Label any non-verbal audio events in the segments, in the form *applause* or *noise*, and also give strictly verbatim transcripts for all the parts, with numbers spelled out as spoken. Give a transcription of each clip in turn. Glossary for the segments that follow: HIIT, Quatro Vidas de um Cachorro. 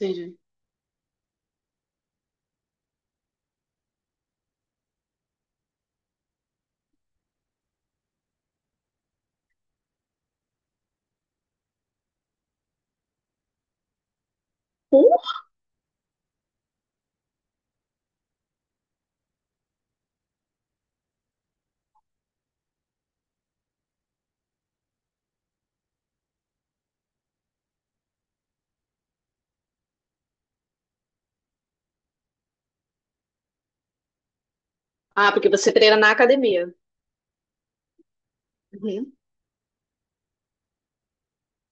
Entendi. Por? Ah, porque você treina na academia. Uhum.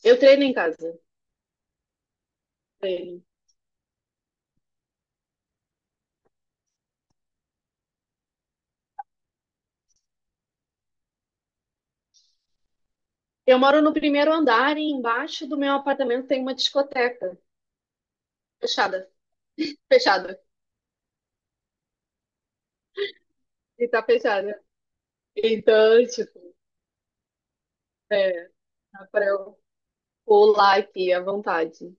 Eu treino em casa. Treino. Eu moro no primeiro andar e embaixo do meu apartamento tem uma discoteca. Fechada. Fechada. E tá fechada. Então, tipo, é, dá pra eu pular aqui à vontade.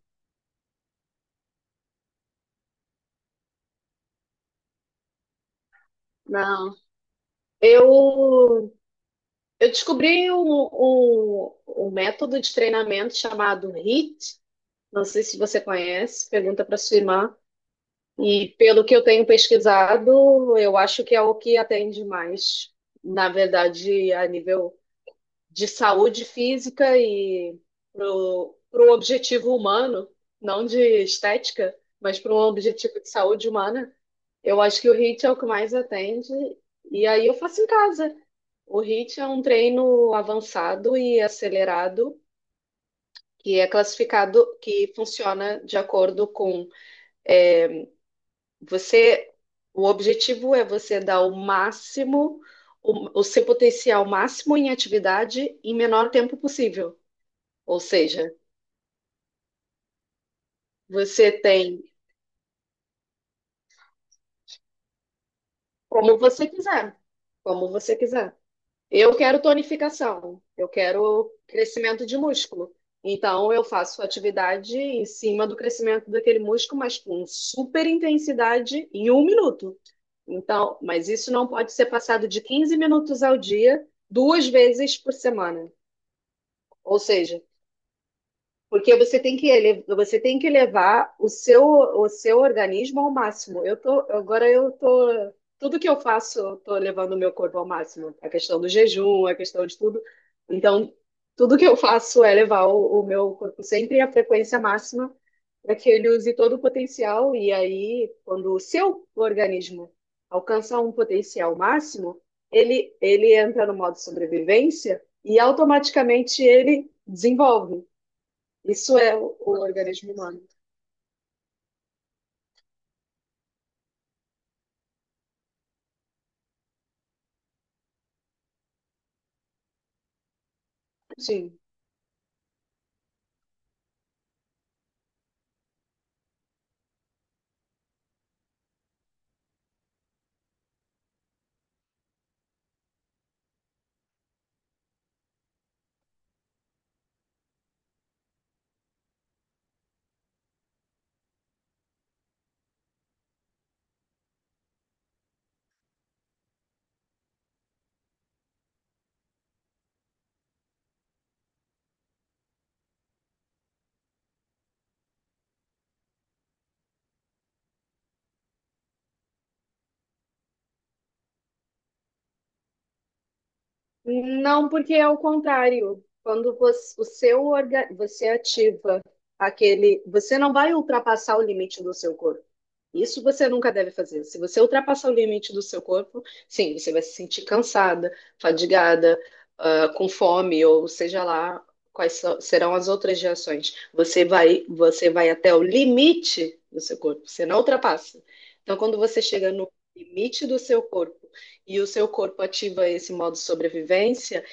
Não. Eu, eu descobri um, um, um método de treinamento chamado HIIT. Não sei se você conhece. Pergunta pra sua irmã. E pelo que eu tenho pesquisado, eu acho que é o que atende mais, na verdade, a nível de saúde física e para o objetivo humano, não de estética, mas para um objetivo de saúde humana. Eu acho que o HIIT é o que mais atende, e aí eu faço em casa. O HIIT é um treino avançado e acelerado, que é classificado, que funciona de acordo com é, Você, o objetivo é você dar o máximo, o, o seu potencial máximo em atividade em menor tempo possível. Ou seja, você tem como você quiser, como você quiser. Eu quero tonificação, eu quero crescimento de músculo. Então, eu faço atividade em cima do crescimento daquele músculo, mas com super intensidade em um minuto. Então, mas isso não pode ser passado de quinze minutos ao dia, duas vezes por semana. Ou seja, porque você tem que, ele- você tem que levar o seu, o seu organismo ao máximo. Eu tô, agora eu tô, tudo que eu faço, eu tô levando o meu corpo ao máximo. A questão do jejum, a questão de tudo. Então, tudo que eu faço é levar o, o meu corpo sempre à frequência máxima para que ele use todo o potencial. E aí, quando o seu organismo alcança um potencial máximo, ele, ele entra no modo sobrevivência e automaticamente ele desenvolve. Isso é o, o organismo humano. Sim. Não, porque é o contrário. Quando você, o seu orga, você ativa aquele, você não vai ultrapassar o limite do seu corpo. Isso você nunca deve fazer. Se você ultrapassar o limite do seu corpo, sim, você vai se sentir cansada, fadigada, ah, com fome, ou seja lá quais so- serão as outras reações. Você vai, você vai até o limite do seu corpo, você não ultrapassa. Então, quando você chega no limite do seu corpo, e o seu corpo ativa esse modo de sobrevivência,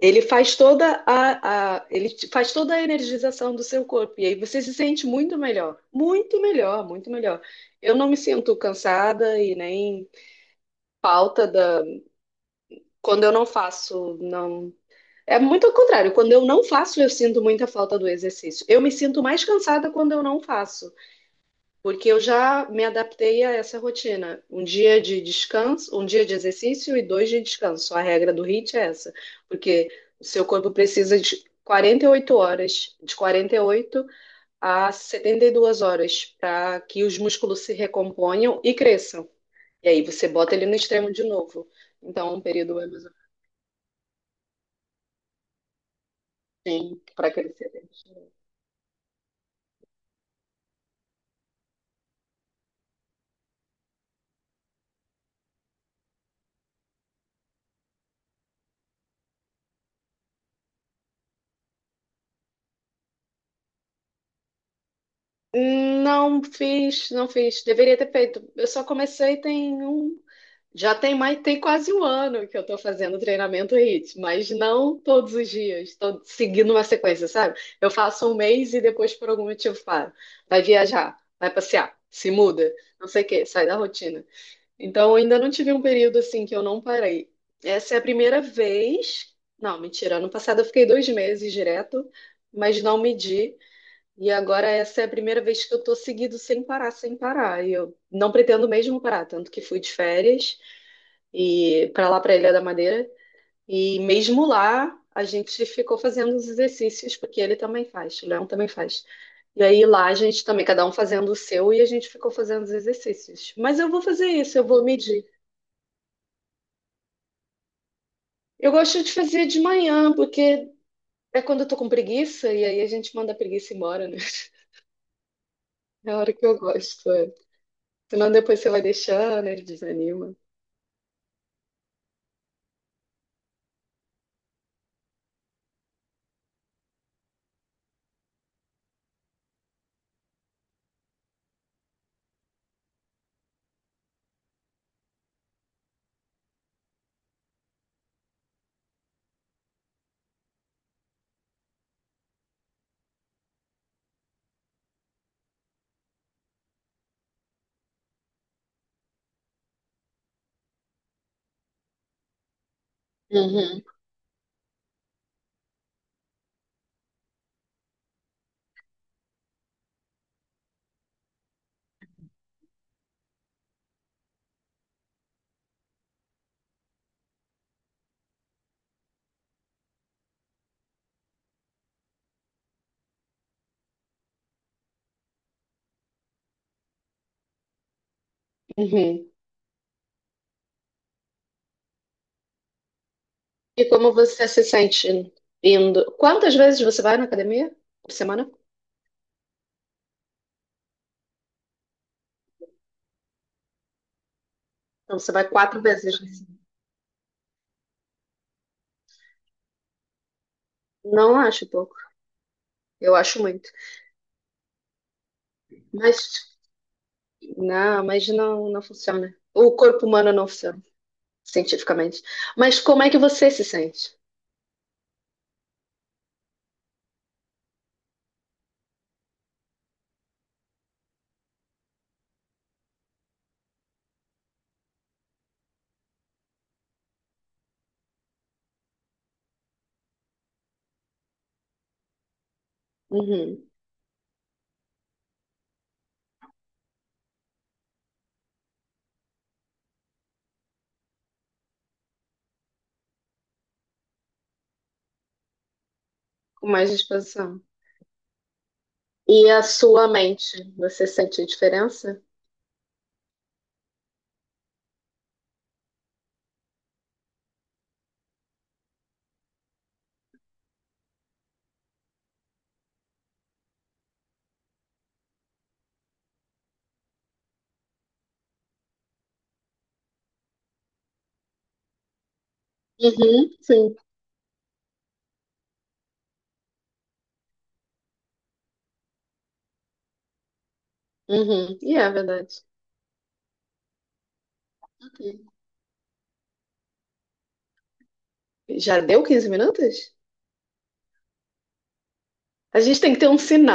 ele faz toda a, a, ele faz toda a energização do seu corpo e aí você se sente muito melhor, muito melhor, muito melhor. Eu não me sinto cansada e nem falta da quando eu não faço, não, é muito ao contrário. Quando eu não faço, eu sinto muita falta do exercício. Eu me sinto mais cansada quando eu não faço. Porque eu já me adaptei a essa rotina. Um dia de descanso, um dia de exercício e dois de descanso. A regra do HIIT é essa. Porque o seu corpo precisa de quarenta e oito horas, de quarenta e oito a setenta e duas horas, para que os músculos se recomponham e cresçam. E aí você bota ele no extremo de novo. Então, um período é mais assim, para crescer. Não fiz, não fiz. Deveria ter feito. Eu só comecei tem um. Já tem mais, tem quase um ano que eu tô fazendo treinamento HIIT, mas não todos os dias. Estou seguindo uma sequência, sabe? Eu faço um mês e depois, por algum motivo, paro. Vai viajar, vai passear, se muda, não sei o quê, sai da rotina. Então, ainda não tive um período assim que eu não parei. Essa é a primeira vez. Não, mentira. Ano passado eu fiquei dois meses direto, mas não medi. E agora essa é a primeira vez que eu tô seguido sem parar, sem parar. E eu não pretendo mesmo parar, tanto que fui de férias e para lá para Ilha da Madeira. E mesmo lá a gente ficou fazendo os exercícios, porque ele também faz, o Leão também faz. E aí lá a gente também, cada um fazendo o seu, e a gente ficou fazendo os exercícios. Mas eu vou fazer isso, eu vou medir. Eu gosto de fazer de manhã, porque é quando eu tô com preguiça, e aí a gente manda a preguiça embora, né? *laughs* É a hora que eu gosto. É. Senão depois você vai deixando, ele desanima. Uhum, uhum. E como você se sente indo? Quantas vezes você vai na academia por semana? Então você vai quatro vezes. Não acho pouco. Eu acho muito. Mas não, mas não, não funciona. O corpo humano não funciona, cientificamente. Mas como é que você se sente? Uhum. Com mais disposição. E a sua mente, você sente a diferença? Uhum, sim. Uhum. E é verdade. Ok. Já deu quinze minutos? A gente tem que ter um sinal.